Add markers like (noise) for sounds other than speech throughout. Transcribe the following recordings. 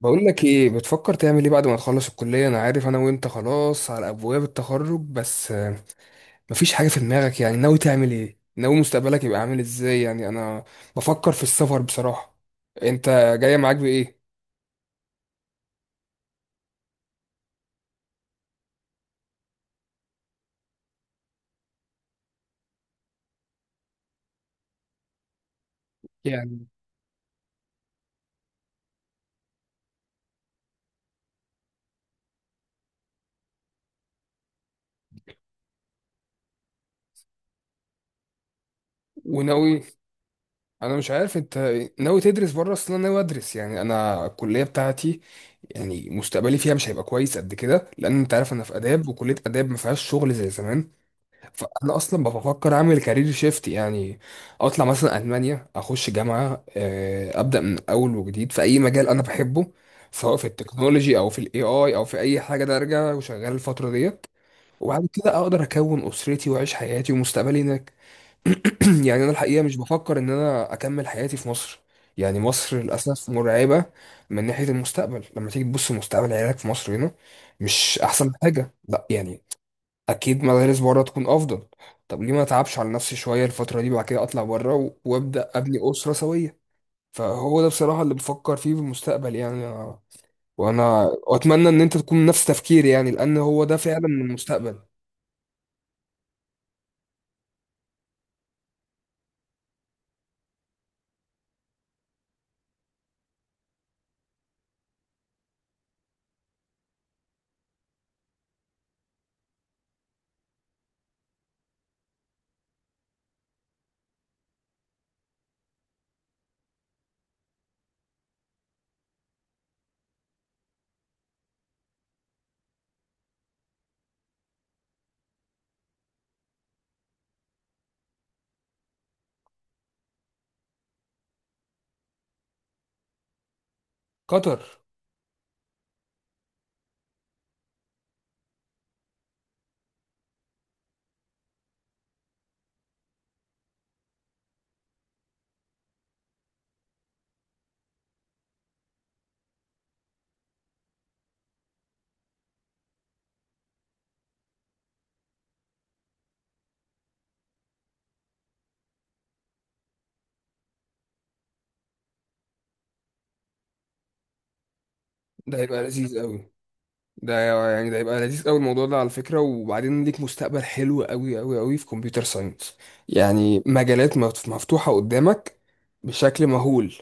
بقول لك ايه بتفكر تعمل ايه بعد ما تخلص الكلية؟ انا عارف انا وانت خلاص على ابواب التخرج، بس مفيش حاجة في دماغك؟ يعني ناوي تعمل ايه؟ ناوي مستقبلك يبقى عامل ازاي؟ يعني انا بفكر في السفر بصراحة. انت جاية معاك بايه؟ يعني وناوي، انا مش عارف انت ناوي تدرس بره اصلا؟ انا ناوي ادرس، يعني انا الكلية بتاعتي يعني مستقبلي فيها مش هيبقى كويس قد كده، لان انت عارف انا في اداب، وكلية اداب ما فيهاش شغل زي زمان. فانا اصلا بفكر اعمل كارير شيفت، يعني اطلع مثلا المانيا، اخش جامعه، ابدا من اول وجديد في اي مجال انا بحبه، سواء في التكنولوجي او في الاي اي او في اي حاجه. ده ارجع وشغال الفتره ديت، وبعد كده اقدر اكون اسرتي واعيش حياتي ومستقبلي هناك. (clears throat) يعني انا الحقيقه مش بفكر ان انا اكمل حياتي في مصر. يعني مصر للاسف مرعبه من ناحيه المستقبل. لما تيجي تبص مستقبل عيالك في مصر هنا، مش احسن حاجه، لا يعني. اكيد مدارس بره تكون افضل. طب ليه ما اتعبش على نفسي شويه الفتره دي، بعد كده اطلع بره وابدا ابني اسره سويه؟ فهو ده بصراحه اللي بفكر فيه في المستقبل. وانا واتمنى ان انت تكون نفس تفكيري، يعني لان هو ده فعلا من المستقبل. قطر. ده هيبقى لذيذ قوي. ده يعني ده يبقى لذيذ قوي الموضوع ده على فكرة. وبعدين ليك مستقبل حلو قوي قوي قوي في كمبيوتر ساينس. يعني مجالات مفتوحة قدامك بشكل مهول.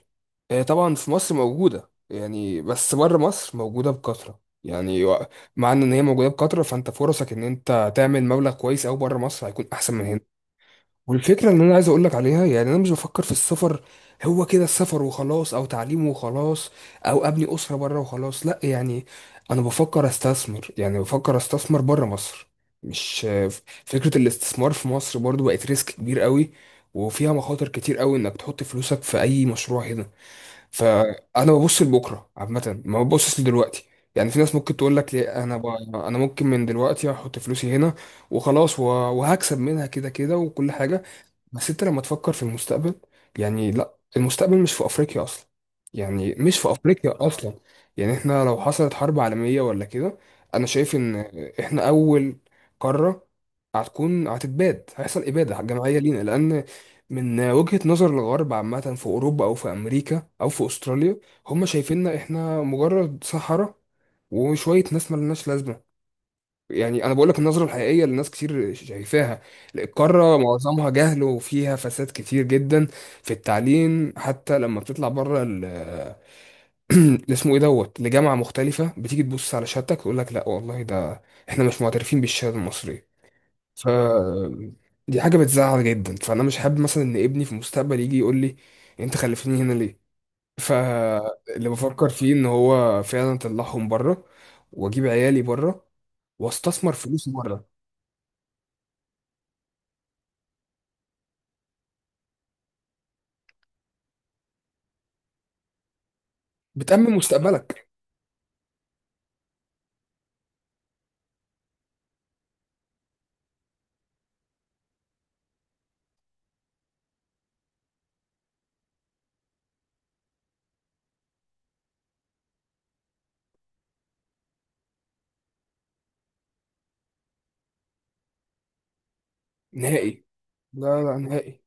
طبعا في مصر موجودة يعني، بس بره مصر موجودة بكثرة يعني مع ان إن هي موجودة بكثرة، فانت فرصك ان انت تعمل مبلغ كويس قوي بره مصر هيكون احسن من هنا. والفكرة اللي أنا عايز أقولك عليها، يعني أنا مش بفكر في السفر هو كده السفر وخلاص، أو تعليم وخلاص، أو أبني أسرة بره وخلاص، لأ يعني. أنا بفكر أستثمر، يعني بفكر أستثمر بره مصر. مش فكرة الاستثمار في مصر برضو بقت ريسك كبير قوي، وفيها مخاطر كتير قوي إنك تحط فلوسك في أي مشروع هنا. فأنا ببص لبكرة عامة، ما ببصش لدلوقتي. يعني في ناس ممكن تقول لك ليه؟ انا ممكن من دلوقتي احط فلوسي هنا وخلاص، وهكسب منها كده كده وكل حاجه. بس انت لما تفكر في المستقبل، يعني لا، المستقبل مش في افريقيا اصلا. يعني مش في افريقيا اصلا. يعني احنا لو حصلت حرب عالمية ولا كده، انا شايف ان احنا اول قارة هتكون هتتباد هيحصل ابادة جماعية لينا، لان من وجهة نظر الغرب عامة في اوروبا او في امريكا او في استراليا، هم شايفيننا احنا مجرد صحراء وشوية ناس ملناش لازمة. يعني انا بقول لك النظره الحقيقيه اللي ناس كتير شايفاها. القاره معظمها جهل وفيها فساد كتير جدا في التعليم. حتى لما بتطلع بره (clears throat) اللي اسمه ايه دوت لجامعه مختلفه، بتيجي تبص على شهادتك تقول لك لا والله، ده احنا مش معترفين بالشهاده المصريه. ف دي حاجه بتزعل جدا. فانا مش حابب مثلا ان ابني في المستقبل يجي يقول لي انت خلفتني هنا ليه؟ فاللي بفكر فيه ان هو فعلا اطلعهم بره، واجيب عيالي بره، واستثمر فلوسي بره. بتأمن مستقبلك. نهائي. لا لا، نهائي.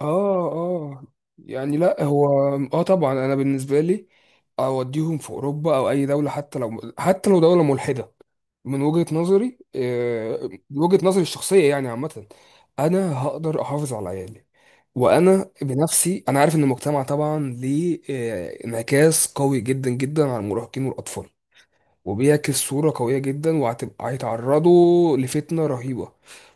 اه اه. يعني لا، هو اه طبعا. انا بالنسبه لي اوديهم في اوروبا او اي دوله، حتى لو حتى لو دوله ملحده. من وجهه نظري، من وجهه نظري الشخصيه يعني عامه، انا هقدر احافظ على عيالي. وانا بنفسي انا عارف ان المجتمع طبعا ليه انعكاس قوي جدا جدا على المراهقين والاطفال، وبيعكس صورة قوية جدا، وهتبقى هيتعرضوا لفتنة رهيبة.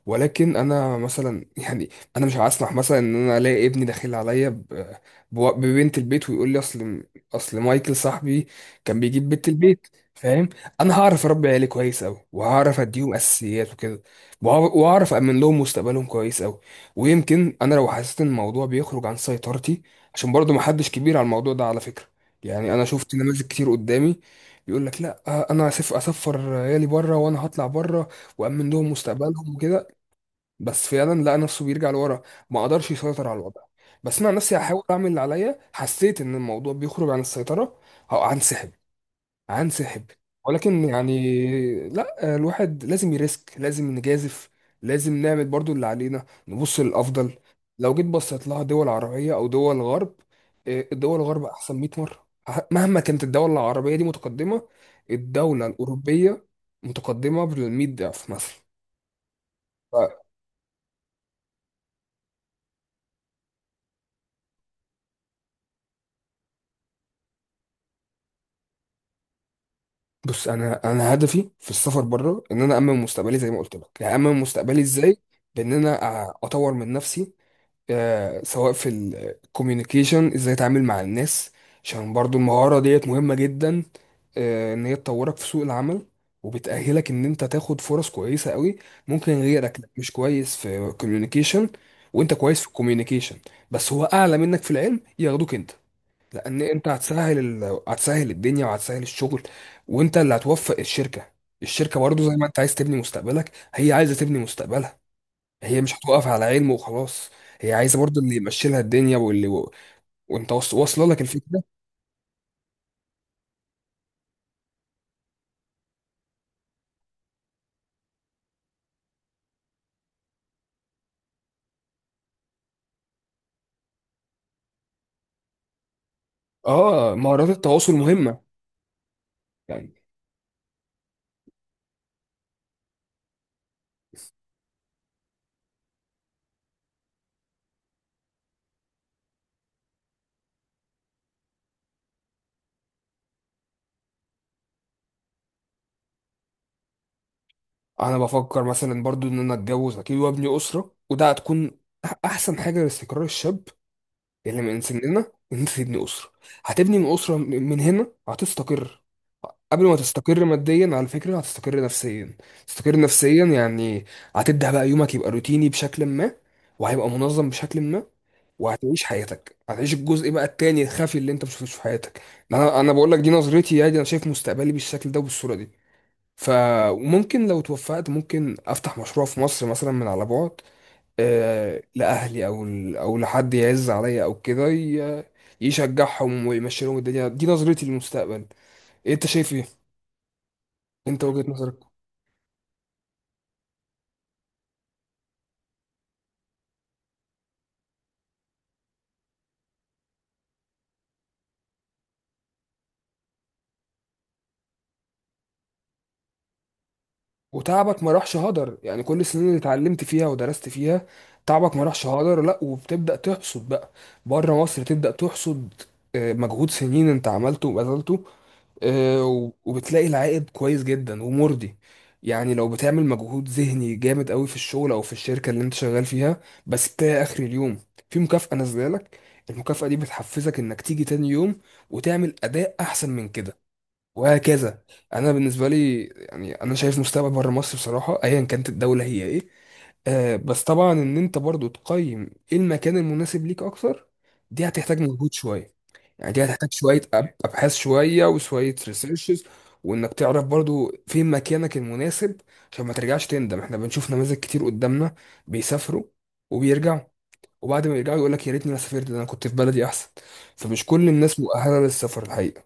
ولكن انا مثلا (laughs) يعني انا مش هسمح مثلا ان انا الاقي ابني داخل عليا ببنت البيت، ويقول لي اصل، مايكل صاحبي كان بيجيب بنت البيت. فاهم؟ انا هعرف اربي عيالي كويس قوي، وهعرف اديهم اساسيات وكده، وهعرف امن لهم مستقبلهم كويس قوي. ويمكن انا لو حسيت ان الموضوع بيخرج عن سيطرتي، عشان برضو محدش كبير على الموضوع ده على فكرة. يعني انا شفت نماذج كتير قدامي يقول لك لا، انا اسفر عيالي بره وانا هطلع بره وامن لهم مستقبلهم وكده، بس فعلا لقى نفسه بيرجع لورا، ما قدرش يسيطر على الوضع. بس انا عن نفسي هحاول اعمل اللي عليا، حسيت ان الموضوع بيخرج عن السيطره، هنسحب. هنسحب. ولكن يعني لا، الواحد لازم يريسك، لازم نجازف، لازم نعمل برضو اللي علينا، نبص للأفضل. لو جيت بصيت لها دول عربية أو دول غرب، الدول الغرب أحسن 100 مرة، مهما كانت الدولة العربية دي متقدمة. الدولة الأوروبية متقدمة بال 100 ضعف مثلا. ف- بص، أنا هدفي في السفر بره إن أنا أأمن مستقبلي زي ما قلت لك، يعني أأمن مستقبلي إزاي؟ أطور من نفسي. سواء في الكوميونيكيشن، ازاي اتعامل مع الناس، عشان برضو المهارة ديت مهمة جدا، ان هي تطورك في سوق العمل وبتأهلك ان انت تاخد فرص كويسة قوي. ممكن غيرك مش كويس في كوميونيكيشن وانت كويس في الكوميونيكيشن، بس هو اعلى منك في العلم، ياخدوك انت، لان انت هتسهل هتسهل الدنيا وهتسهل الشغل. وانت اللي هتوفق الشركة. الشركة برضو زي ما انت عايز تبني مستقبلك، هي عايزة تبني مستقبلها. هي مش هتقف على علم وخلاص، هي عايزه برضه اللي يمشي لها الدنيا وانت واصله لك الفكره. اه مهارات التواصل مهمه. يعني انا بفكر مثلا برضه ان انا اتجوز اكيد وابني اسره، وده هتكون احسن حاجه لاستقرار الشاب اللي من سننا ان انت تبني اسره. هتبني من اسره من هنا هتستقر. قبل ما تستقر ماديا على فكرة هتستقر نفسيا. تستقر نفسيا يعني هتبدأ بقى يومك يبقى روتيني بشكل ما، وهيبقى منظم بشكل ما، وهتعيش حياتك، هتعيش الجزء بقى التاني الخفي اللي انت مش شفتوش في حياتك. انا بقول لك دي نظرتي، يعني انا شايف مستقبلي بالشكل ده وبالصورة دي. ف وممكن لو توفقت ممكن افتح مشروع في مصر مثلا من على بعد، لاهلي او لحد يعز عليا او كده يشجعهم ويمشي لهم الدنيا. دي نظرتي للمستقبل. انت شايف ايه؟ انت وجهة نظرك؟ وتعبك ما راحش هدر، يعني كل السنين اللي اتعلمت فيها ودرست فيها، تعبك ما راحش هدر، لا وبتبدأ تحصد بقى. بره مصر تبدأ تحصد، مجهود سنين انت عملته وبذلته، وبتلاقي العائد كويس جدا ومرضي. يعني لو بتعمل مجهود ذهني جامد قوي في الشغل او في الشركة اللي انت شغال فيها، بس بتلاقي اخر اليوم في مكافأة نازله لك. المكافأة دي بتحفزك انك تيجي تاني يوم وتعمل اداء احسن من كده. وهكذا. انا بالنسبه لي يعني انا شايف مستقبل بره مصر بصراحه، ايا كانت الدوله هي ايه. بس طبعا ان انت برضو تقيم ايه المكان المناسب ليك اكتر، دي هتحتاج مجهود شويه، يعني دي هتحتاج شويه ابحاث شويه وشويه ريسيرشز، وانك تعرف برضو فين مكانك المناسب، عشان ما ترجعش تندم. احنا بنشوف نماذج كتير قدامنا بيسافروا وبيرجعوا، وبعد ما يرجعوا يقول لك يا ريتني ما سافرت، ده انا كنت في بلدي احسن. فمش كل الناس مؤهله للسفر الحقيقه.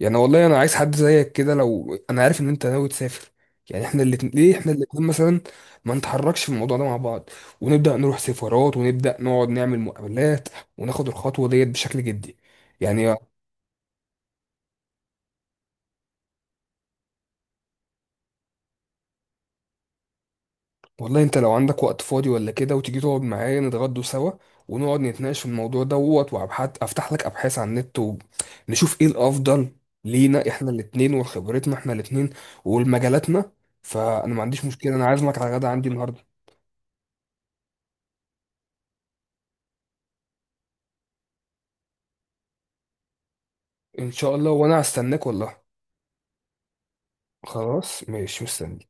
يعني والله انا عايز حد زيك كده، لو انا عارف ان انت ناوي تسافر. يعني احنا الاتنين، ليه احنا الاتنين مثلا ما نتحركش في الموضوع ده مع بعض؟ ونبدا نروح سفارات، ونبدا نقعد نعمل مقابلات، وناخد الخطوه ديت بشكل جدي، يعني. والله انت لو عندك وقت فاضي ولا كده، وتيجي تقعد معايا نتغدوا سوا، ونقعد نتناقش في الموضوع دوت، وابحث افتح لك ابحاث على النت، ونشوف ايه الافضل لينا احنا الاتنين وخبرتنا احنا الاتنين والمجالاتنا. فانا ما عنديش مشكله، انا عازمك على غدا عندي النهارده. ان شاء الله وانا هستناك والله. خلاص ماشي مستني.